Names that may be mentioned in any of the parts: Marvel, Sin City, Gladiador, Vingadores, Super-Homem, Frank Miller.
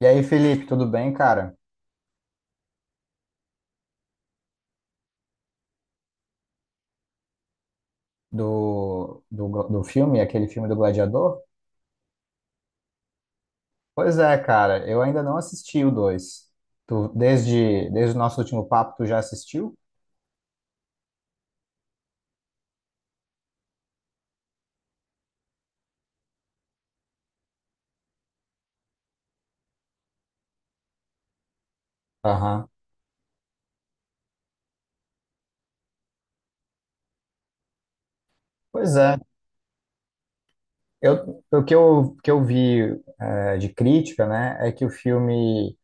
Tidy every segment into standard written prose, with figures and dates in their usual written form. E aí, Felipe, tudo bem, cara? Do filme, aquele filme do Gladiador? Pois é, cara, eu ainda não assisti o dois. Tu, desde o nosso último papo, tu já assistiu? Aham. Pois é. O que eu vi, de crítica, né, é que o filme,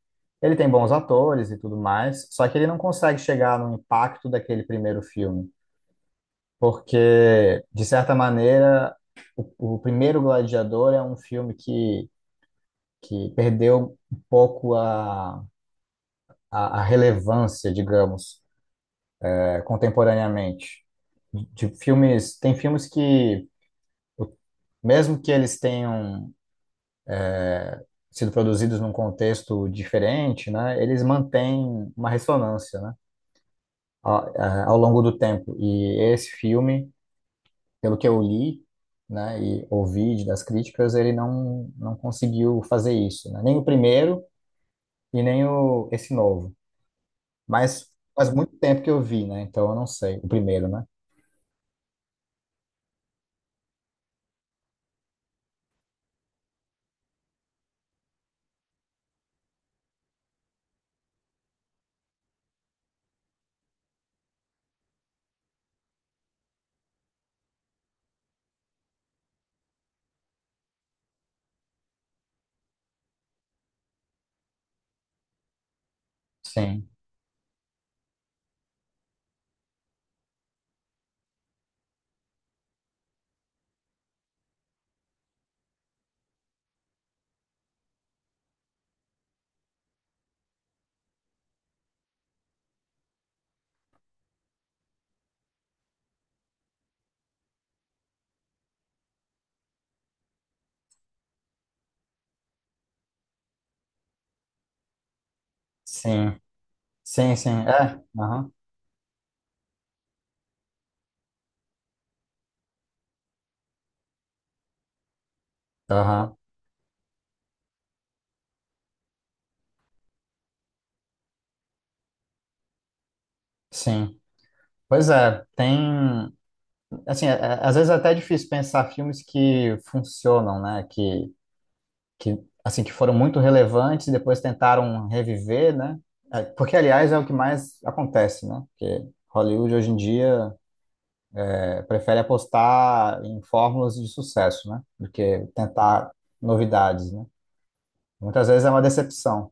ele tem bons atores e tudo mais, só que ele não consegue chegar no impacto daquele primeiro filme, porque, de certa maneira, o primeiro Gladiador é um filme que perdeu um pouco a relevância, digamos, contemporaneamente. De filmes, tem filmes que, mesmo que eles tenham sido produzidos num contexto diferente, né, eles mantêm uma ressonância, né, ao, ao longo do tempo. E esse filme, pelo que eu li, né, e ouvi das críticas, ele não conseguiu fazer isso, né? Nem o primeiro e nem o, esse novo. Mas faz muito tempo que eu vi, né? Então eu não sei. O primeiro, né? Sim, sim, sim, sim. É, aham, aham, sim. Pois é, tem. Assim, às vezes é até difícil pensar filmes que funcionam, né? Que, assim, que foram muito relevantes e depois tentaram reviver, né? É, porque, aliás, é o que mais acontece, né? Porque Hollywood hoje em dia, prefere apostar em fórmulas de sucesso, né? Do que tentar novidades, né? Muitas vezes é uma decepção.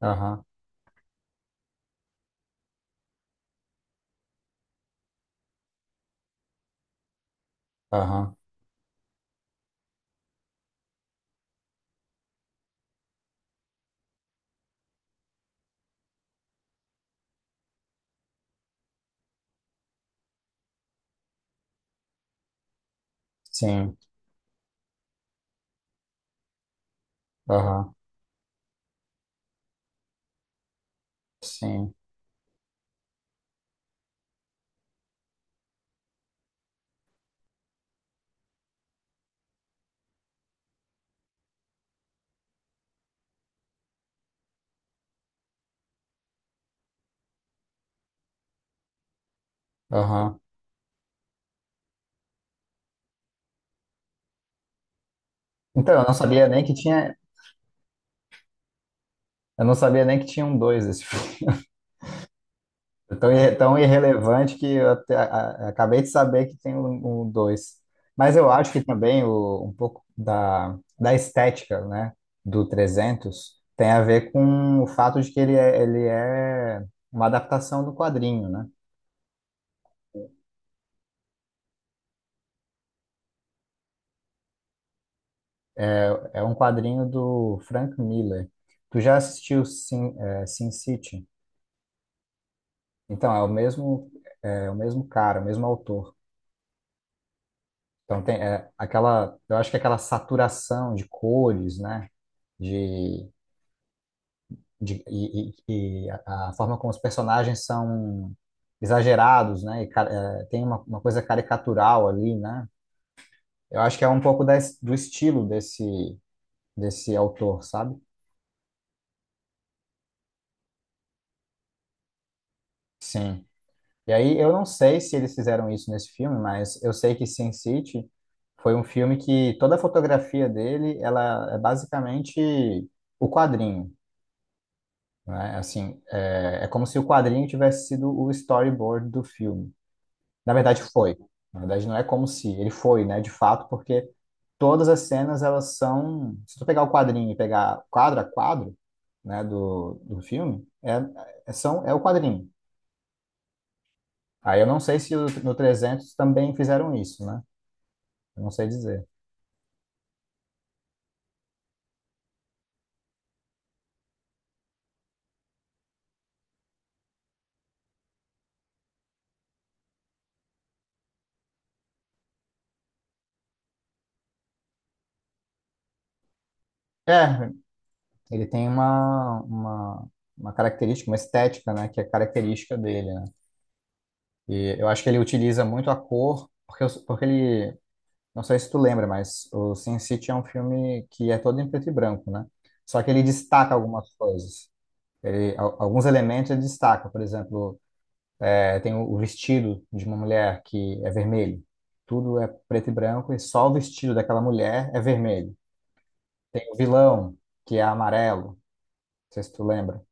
Aham, aham, sim, aham, sim, aham. Então, eu não sabia nem eu não sabia nem que tinha um dois esse filme. É tão, tão irrelevante que eu acabei de saber que tem um dois. Mas eu acho que também um pouco da estética, né, do 300 tem a ver com o fato de que ele é uma adaptação do quadrinho, né? É um quadrinho do Frank Miller. Tu já assistiu Sin, Sin City? Então, é o mesmo cara, o mesmo autor. Então, tem aquela, eu acho que aquela saturação de cores, né? De, e a forma como os personagens são exagerados, né? E, tem uma coisa caricatural ali, né? Eu acho que é um pouco da, do estilo desse autor, sabe? Sim. E aí, eu não sei se eles fizeram isso nesse filme, mas eu sei que Sin City foi um filme que toda a fotografia dele, ela é basicamente o quadrinho, né? Assim, é como se o quadrinho tivesse sido o storyboard do filme. Na verdade, foi. Na verdade, não é como se, ele foi, né? De fato, porque todas as cenas, elas são... Se tu pegar o quadrinho e pegar quadro a quadro, né, do filme, é o quadrinho. Aí eu não sei se no 300 também fizeram isso, né? Eu não sei dizer. É, ele tem uma característica, uma estética, né? Que é característica dele, né? E eu acho que ele utiliza muito a cor, porque, porque ele... Não sei se tu lembra, mas o Sin City é um filme que é todo em preto e branco, né? Só que ele destaca algumas coisas. Ele, alguns elementos ele destaca. Por exemplo, tem o vestido de uma mulher que é vermelho. Tudo é preto e branco e só o vestido daquela mulher é vermelho. Tem o vilão, que é amarelo, não sei se tu lembra.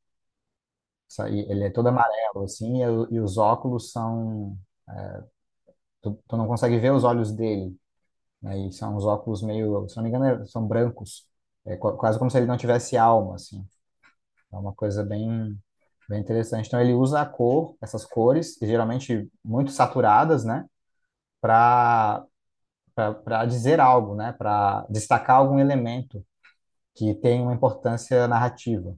Isso aí, ele é todo amarelo, assim, e os óculos são. Tu, não consegue ver os olhos dele, né? E são uns óculos meio. Se não me engano, são brancos. É quase como se ele não tivesse alma, assim. É uma coisa bem interessante. Então, ele usa a cor, essas cores, que geralmente muito saturadas, né? Para Para dizer algo, né? Para destacar algum elemento que tem uma importância narrativa.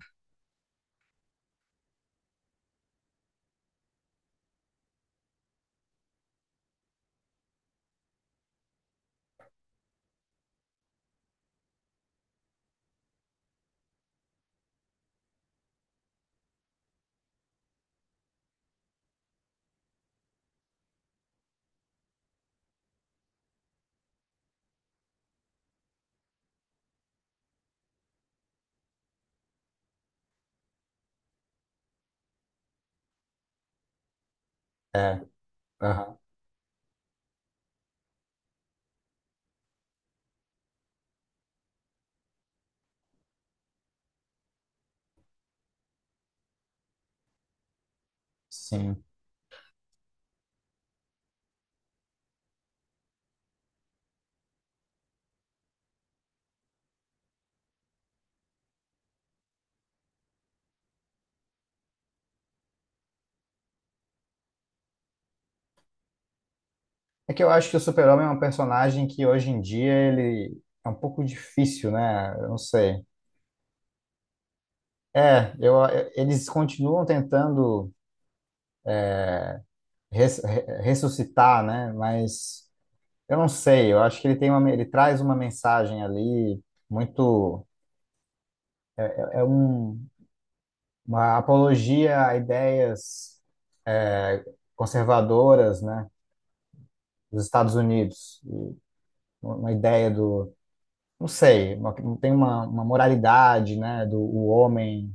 É. Aham, sim. É que eu acho que o Super-Homem é um personagem que hoje em dia ele é um pouco difícil, né? Eu não sei. É, eles continuam tentando ressuscitar, né? Mas eu não sei. Eu acho que ele traz uma mensagem ali muito, é um, uma apologia a ideias, é, conservadoras, né? Dos Estados Unidos, e uma ideia do, não sei, tem uma moralidade, né? Do o homem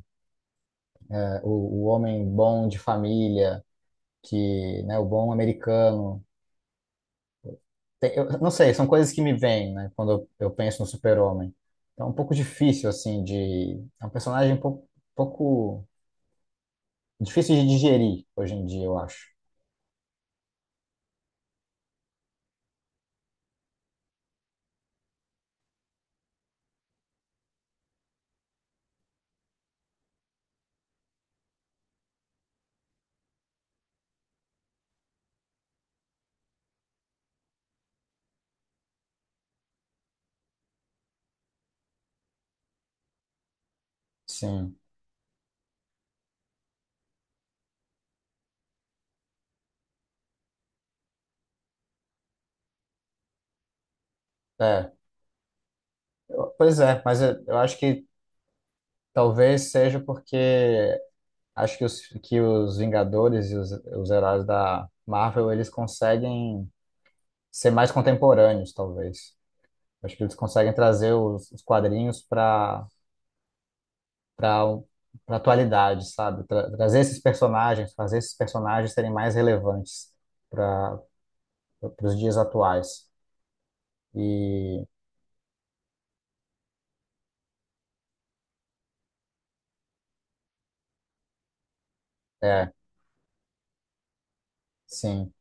o homem bom de família, que, né, o bom americano. Eu não sei, são coisas que me vêm, né, quando eu penso no super-homem. Então, é um pouco difícil, assim, de... É um personagem pouco difícil de digerir hoje em dia, eu acho. Sim, é. Pois é, mas eu acho que talvez seja porque acho que os Vingadores e os heróis da Marvel, eles conseguem ser mais contemporâneos, talvez. Acho que eles conseguem trazer os quadrinhos para para atualidade, sabe? Trazer esses personagens, fazer esses personagens serem mais relevantes para os dias atuais. E é, sim.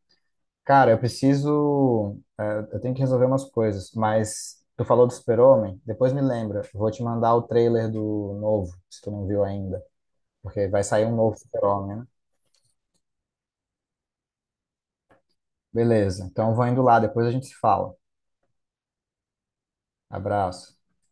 Cara, eu preciso, eu tenho que resolver umas coisas, mas tu falou do Super-Homem, depois me lembra, eu vou te mandar o trailer do novo, se tu não viu ainda, porque vai sair um novo Super-Homem, né? Beleza. Então eu vou indo lá, depois a gente se fala. Abraço.